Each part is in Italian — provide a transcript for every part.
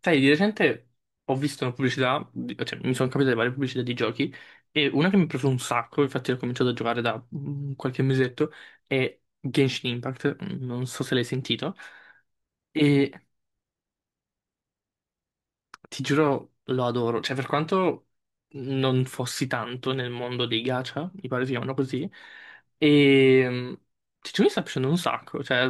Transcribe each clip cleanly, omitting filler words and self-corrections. Sai, di recente ho visto una pubblicità, cioè mi sono capitate varie pubblicità di giochi e una che mi ha preso un sacco, infatti l'ho cominciato a giocare da qualche mesetto, è Genshin Impact, non so se l'hai sentito. Ti giuro, lo adoro. Cioè, per quanto non fossi tanto nel mondo dei gacha, mi pare si chiamano così, e ti giuro, mi sta piacendo un sacco. Cioè,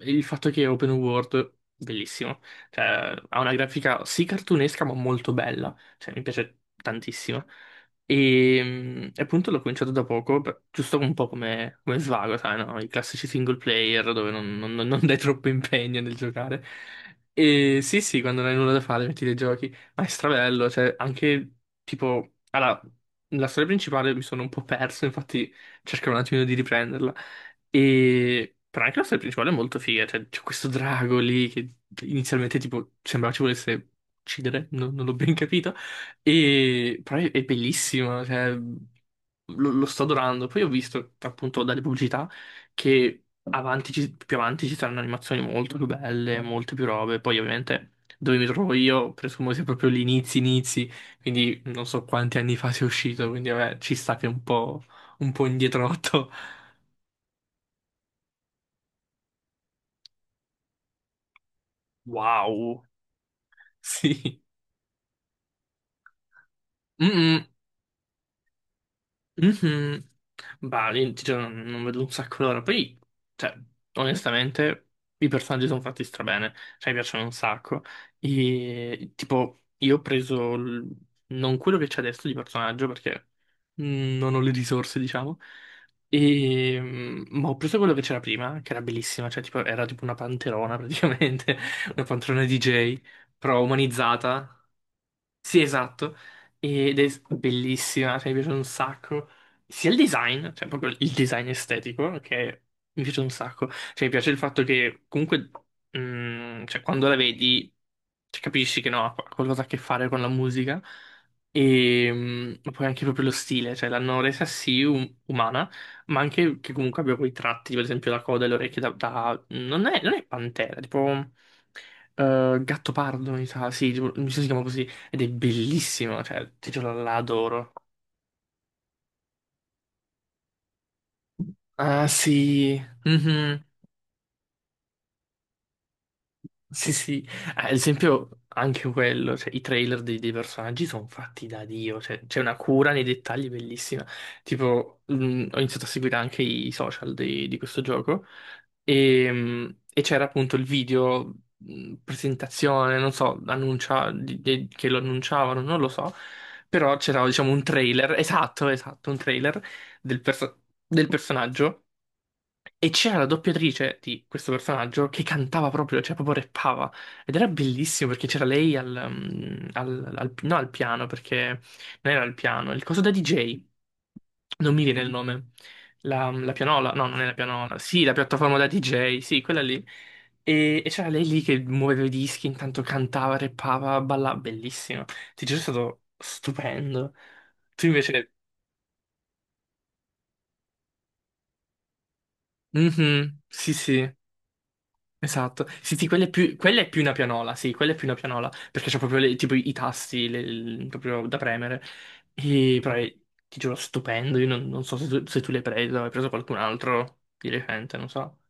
il fatto che è open world, bellissimo. Cioè, ha una grafica sì cartunesca, ma molto bella. Cioè, mi piace tantissimo. E, e appunto l'ho cominciato da poco, giusto un po' come, come svago, sai, no? I classici single player dove non dai troppo impegno nel giocare. E sì, sì, quando non hai nulla da fare metti dei giochi, ma è strabello, cioè anche tipo... Allora, la storia principale mi sono un po' perso, infatti cercherò un attimino di riprenderla. E... Però anche la storia principale è molto figa, cioè c'è questo drago lì che inizialmente tipo sembrava ci volesse uccidere, non l'ho ben capito. E però è bellissima, cioè, lo sto adorando. Poi ho visto appunto dalle pubblicità che più avanti ci saranno animazioni molto più belle, molte più robe. Poi ovviamente dove mi trovo io presumo sia proprio gli inizi inizi, quindi non so quanti anni fa sia uscito, quindi vabbè, ci sta che è un po' indietro. Wow, sì. Mm-mm. Mhm. Bah, lì, ti giuro, non vedo un sacco l'ora. Poi, cioè, onestamente, i personaggi sono fatti strabene. Cioè, mi piacciono un sacco. E, tipo, io ho preso l- non quello che c'è adesso di personaggio, perché non ho le risorse, diciamo. E, ma ho preso quello che c'era prima, che era bellissima. Cioè, tipo, era tipo una panterona, praticamente. Una panterona DJ, però umanizzata. Sì, esatto. Ed è bellissima, cioè mi piace un sacco. Sia il design, cioè proprio il design estetico, che mi piace un sacco. Cioè mi piace il fatto che comunque, cioè, quando la vedi, cioè, capisci che no, ha qualcosa a che fare con la musica. E ma poi anche proprio lo stile, cioè l'hanno resa sì umana, ma anche che comunque abbia quei tratti, tipo, ad esempio la coda e le orecchie da... non è pantera, tipo... gatto pardo, mi sa, sì, tipo, mi sa si chiama così. Ed è bellissimo, cioè, ti giuro, la adoro. Ah, sì. Mhm. Sì, sì. Ah, ad esempio, anche quello, cioè, i trailer dei personaggi sono fatti da Dio, cioè, c'è una cura nei dettagli bellissima. Tipo, ho iniziato a seguire anche i social di questo gioco e c'era appunto il video, presentazione, non so, annuncia, che lo annunciavano, non lo so, però c'era diciamo un trailer, esatto, esatto, un trailer del perso- del personaggio e c'era la doppiatrice di questo personaggio che cantava proprio, cioè proprio rappava. Ed era bellissimo perché c'era lei al, no, al piano, perché non era al piano, il coso da DJ. Non mi viene il nome. La, la pianola, no, non è la pianola. Sì, la piattaforma da DJ, sì, quella lì. E c'era lei lì che muoveva i dischi, intanto cantava, rappava, ballava. Bellissimo. Ti giuro, è stato stupendo. Tu invece... Mhm, sì, sì. Esatto, sì, sì, quella è più una pianola, sì, quella è più una pianola, perché c'ha proprio tipo i proprio da premere, e, però è- ti giuro, stupendo, io non, non so se tu l'hai preso, hai preso qualcun altro di recente, non so.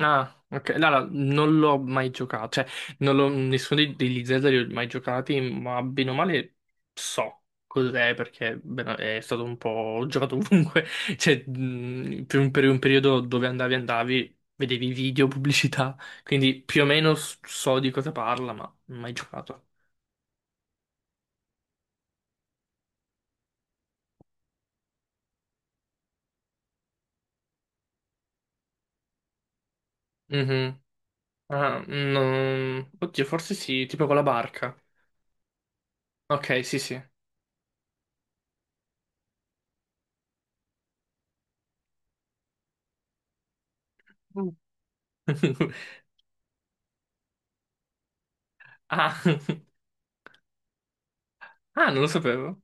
Ah, ok. Allora, non l'ho mai giocato, cioè, non l'ho- nessuno degli Zelda li ho mai giocati, ma bene o male so cos'è, perché bene, è stato un po'... ho giocato ovunque, cioè, per per un periodo dove andavi, andavi, vedevi video, pubblicità, quindi più o meno so di cosa parla, ma non ho mai giocato. Mhm. Ah, no. Oddio, forse sì, tipo con la barca. Ok, sì, sì. Mm. Ah, ah, non lo sapevo.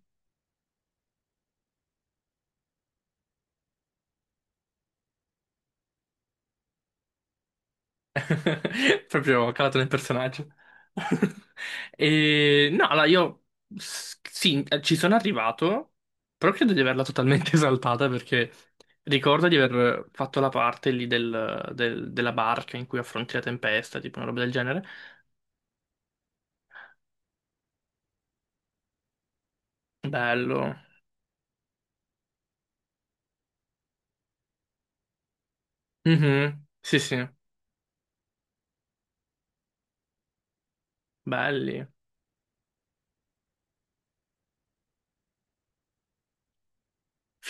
Proprio calato nel personaggio. E no, allora io sì, ci sono arrivato, però credo di averla totalmente esaltata perché ricordo di aver fatto la parte lì della barca in cui affronti la tempesta, tipo una roba del genere. Bello. Mhm. Sì, sì, belli.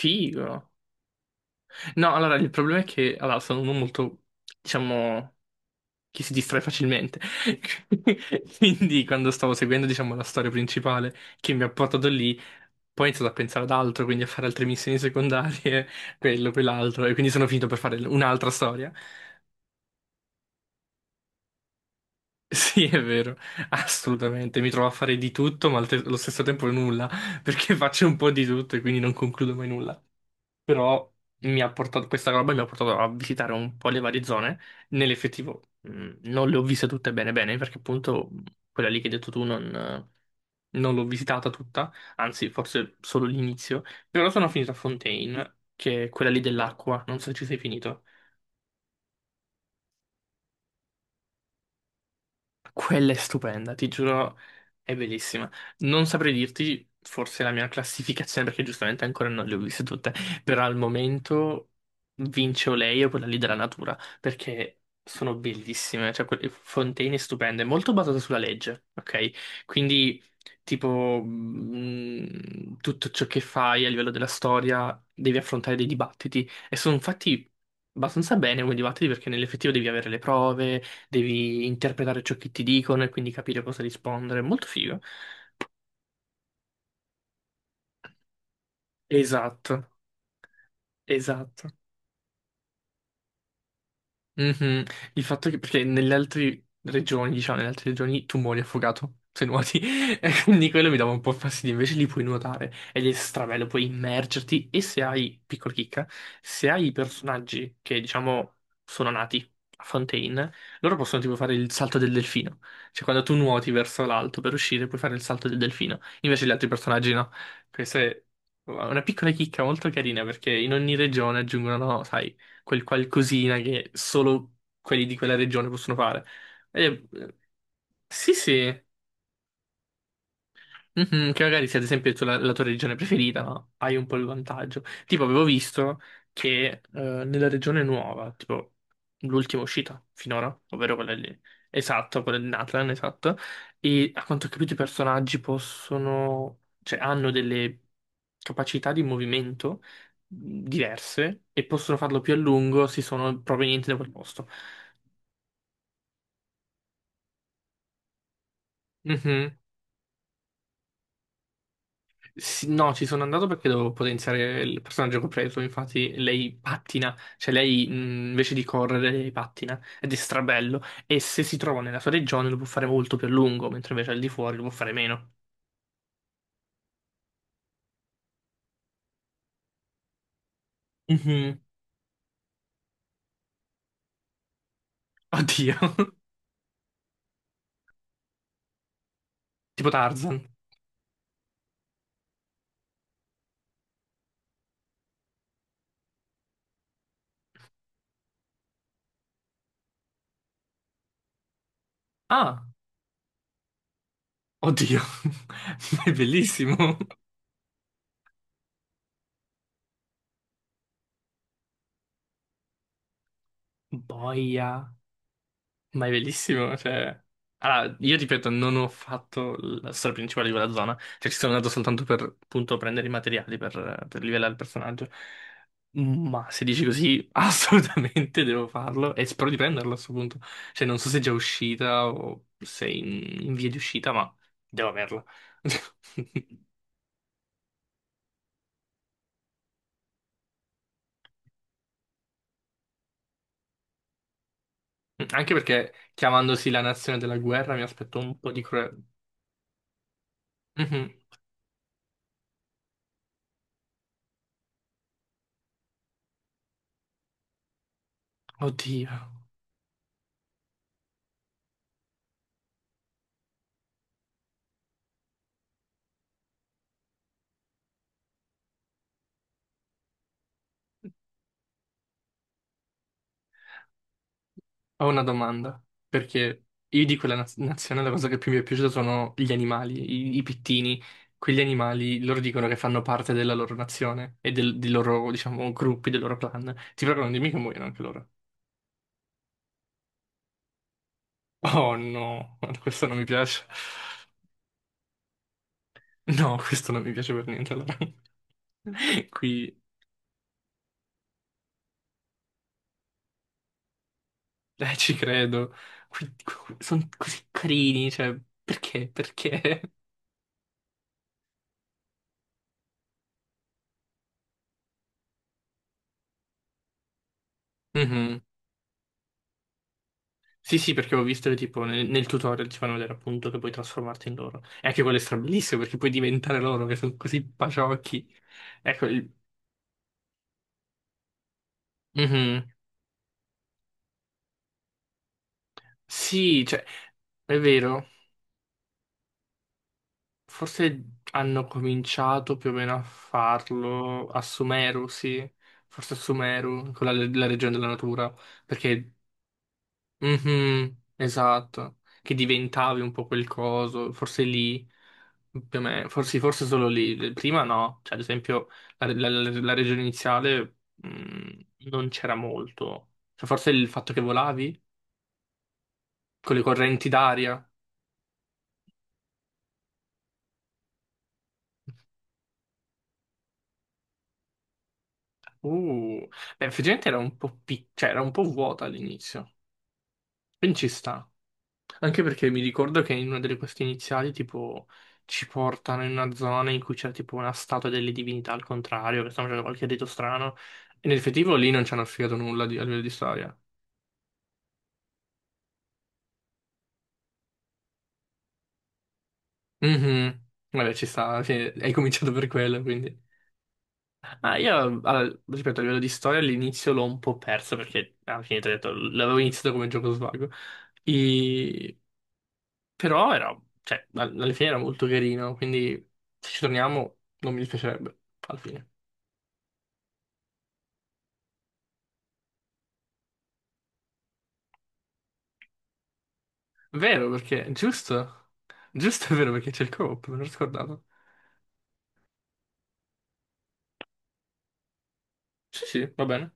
Figo. No, allora il problema è che allora, sono uno molto, diciamo, che si distrae facilmente. Quindi, quando stavo seguendo, diciamo, la storia principale che mi ha portato lì, poi ho iniziato a pensare ad altro, quindi a fare altre missioni secondarie, quello, quell'altro, e quindi sono finito per fare un'altra storia. Sì, è vero, assolutamente. Mi trovo a fare di tutto, ma allo stesso tempo nulla, perché faccio un po' di tutto e quindi non concludo mai nulla. Però questa roba mi ha portato a visitare un po' le varie zone. Nell'effettivo, non le ho viste tutte bene bene, perché appunto quella lì che hai detto tu non l'ho visitata tutta, anzi, forse solo l'inizio. Però sono finito a Fontaine, che è quella lì dell'acqua, non so se ci sei finito. Quella è stupenda, ti giuro, è bellissima. Non saprei dirti forse la mia classificazione, perché giustamente ancora non le ho viste tutte, però al momento vince o lei o quella lì della natura, perché sono bellissime, cioè quelle fontane stupende, molto basate sulla legge, ok? Quindi tipo tutto ciò che fai a livello della storia devi affrontare dei dibattiti e sono fatti abbastanza bene come dibattiti perché nell'effettivo devi avere le prove, devi interpretare ciò che ti dicono e quindi capire cosa rispondere. Molto figo. Esatto, esatto. Mhm. Il fatto che, perché nelle altre regioni, diciamo, nelle altre regioni tu muori affogato se nuoti, e quindi quello mi dava un po' fastidio. Invece lì puoi nuotare ed è strabello, puoi immergerti. E se hai, piccola chicca, se hai i personaggi che, diciamo, sono nati a Fontaine, loro possono tipo fare il salto del delfino. Cioè, quando tu nuoti verso l'alto per uscire, puoi fare il salto del delfino. Invece gli altri personaggi no. Questa è una piccola chicca molto carina perché in ogni regione aggiungono, sai, quel qualcosina che solo quelli di quella regione possono fare. Eh, sì, sì. Mhm, che magari se ad esempio tu la tua regione preferita, no? Hai un po' il vantaggio. Tipo, avevo visto che nella regione nuova, tipo l'ultima uscita finora, ovvero quella lì, esatto, quella di Natlan, esatto, e a quanto ho capito i personaggi possono, cioè hanno delle capacità di movimento diverse e possono farlo più a lungo se sono provenienti da quel posto. Mhm. Sì, no, ci sono andato perché dovevo potenziare il personaggio che ho preso. Infatti, lei pattina, cioè lei invece di correre, lei pattina ed è strabello. E se si trova nella sua regione lo può fare molto più a lungo, mentre invece al di fuori lo può fare meno. Mhm. Oddio, tipo Tarzan. Ah, oddio, è bellissimo. Boia. Ma è bellissimo, cioè... Allora, io ripeto, non ho fatto la storia principale di quella zona, cioè ci sono andato soltanto per, appunto, prendere i materiali per livellare il personaggio, ma se dici così, assolutamente devo farlo e spero di prenderlo a questo punto. Cioè, non so se è già uscita o se è in via di uscita, ma devo averla. Anche perché, chiamandosi la nazione della guerra, mi aspetto un po' di... cura- Mhm. Oddio. Ho una domanda, perché io di quella nazione la cosa che più mi è piaciuta sono gli animali, i pittini. Quegli animali loro dicono che fanno parte della loro nazione e dei loro, diciamo, gruppi, dei loro clan. Ti prego, non dimmi che muoiono anche loro. Oh no, questo non mi piace. No, questo non mi piace per niente. Allora. Qui, ci credo. Qui, sono così carini, cioè, perché? Perché? Mhm. Sì, sì, perché ho visto che tipo nel tutorial ti fanno vedere appunto che puoi trasformarti in loro. E anche quello è strabilissimo perché puoi diventare loro che sono così paciocchi. Ecco, il... Mhm. Sì, cioè, è vero. Forse hanno cominciato più o meno a farlo a Sumeru, sì. Forse a Sumeru, con la regione della natura, perché Mhm, esatto, che diventavi un po' quel coso, forse lì, più o meno, forse, sì, forse solo lì, prima no, cioè ad esempio la regione iniziale non c'era molto, cioè forse il fatto che volavi con le correnti d'aria, uh, beh, effettivamente era cioè, era un po' vuota all'inizio, quindi ci sta. Anche perché mi ricordo che in una delle queste iniziali, tipo, ci portano in una zona in cui c'è tipo una statua delle divinità al contrario, che stanno facendo qualche rito strano. E nell'effettivo lì non ci hanno spiegato nulla a livello di storia. Mhm. Vabbè, ci sta, sì, hai cominciato per quello, quindi. Ah, io, allora, ripeto, a livello di storia all'inizio l'ho un po' perso perché alla fine ti ho detto, l'avevo iniziato come gioco svago. E- Però era, cioè, alla fine era molto carino, quindi se ci torniamo non mi dispiacerebbe, alla fine. Vero perché, giusto? Giusto è vero perché c'è il co-op, me l'ho scordato. Sì, sì, va bene.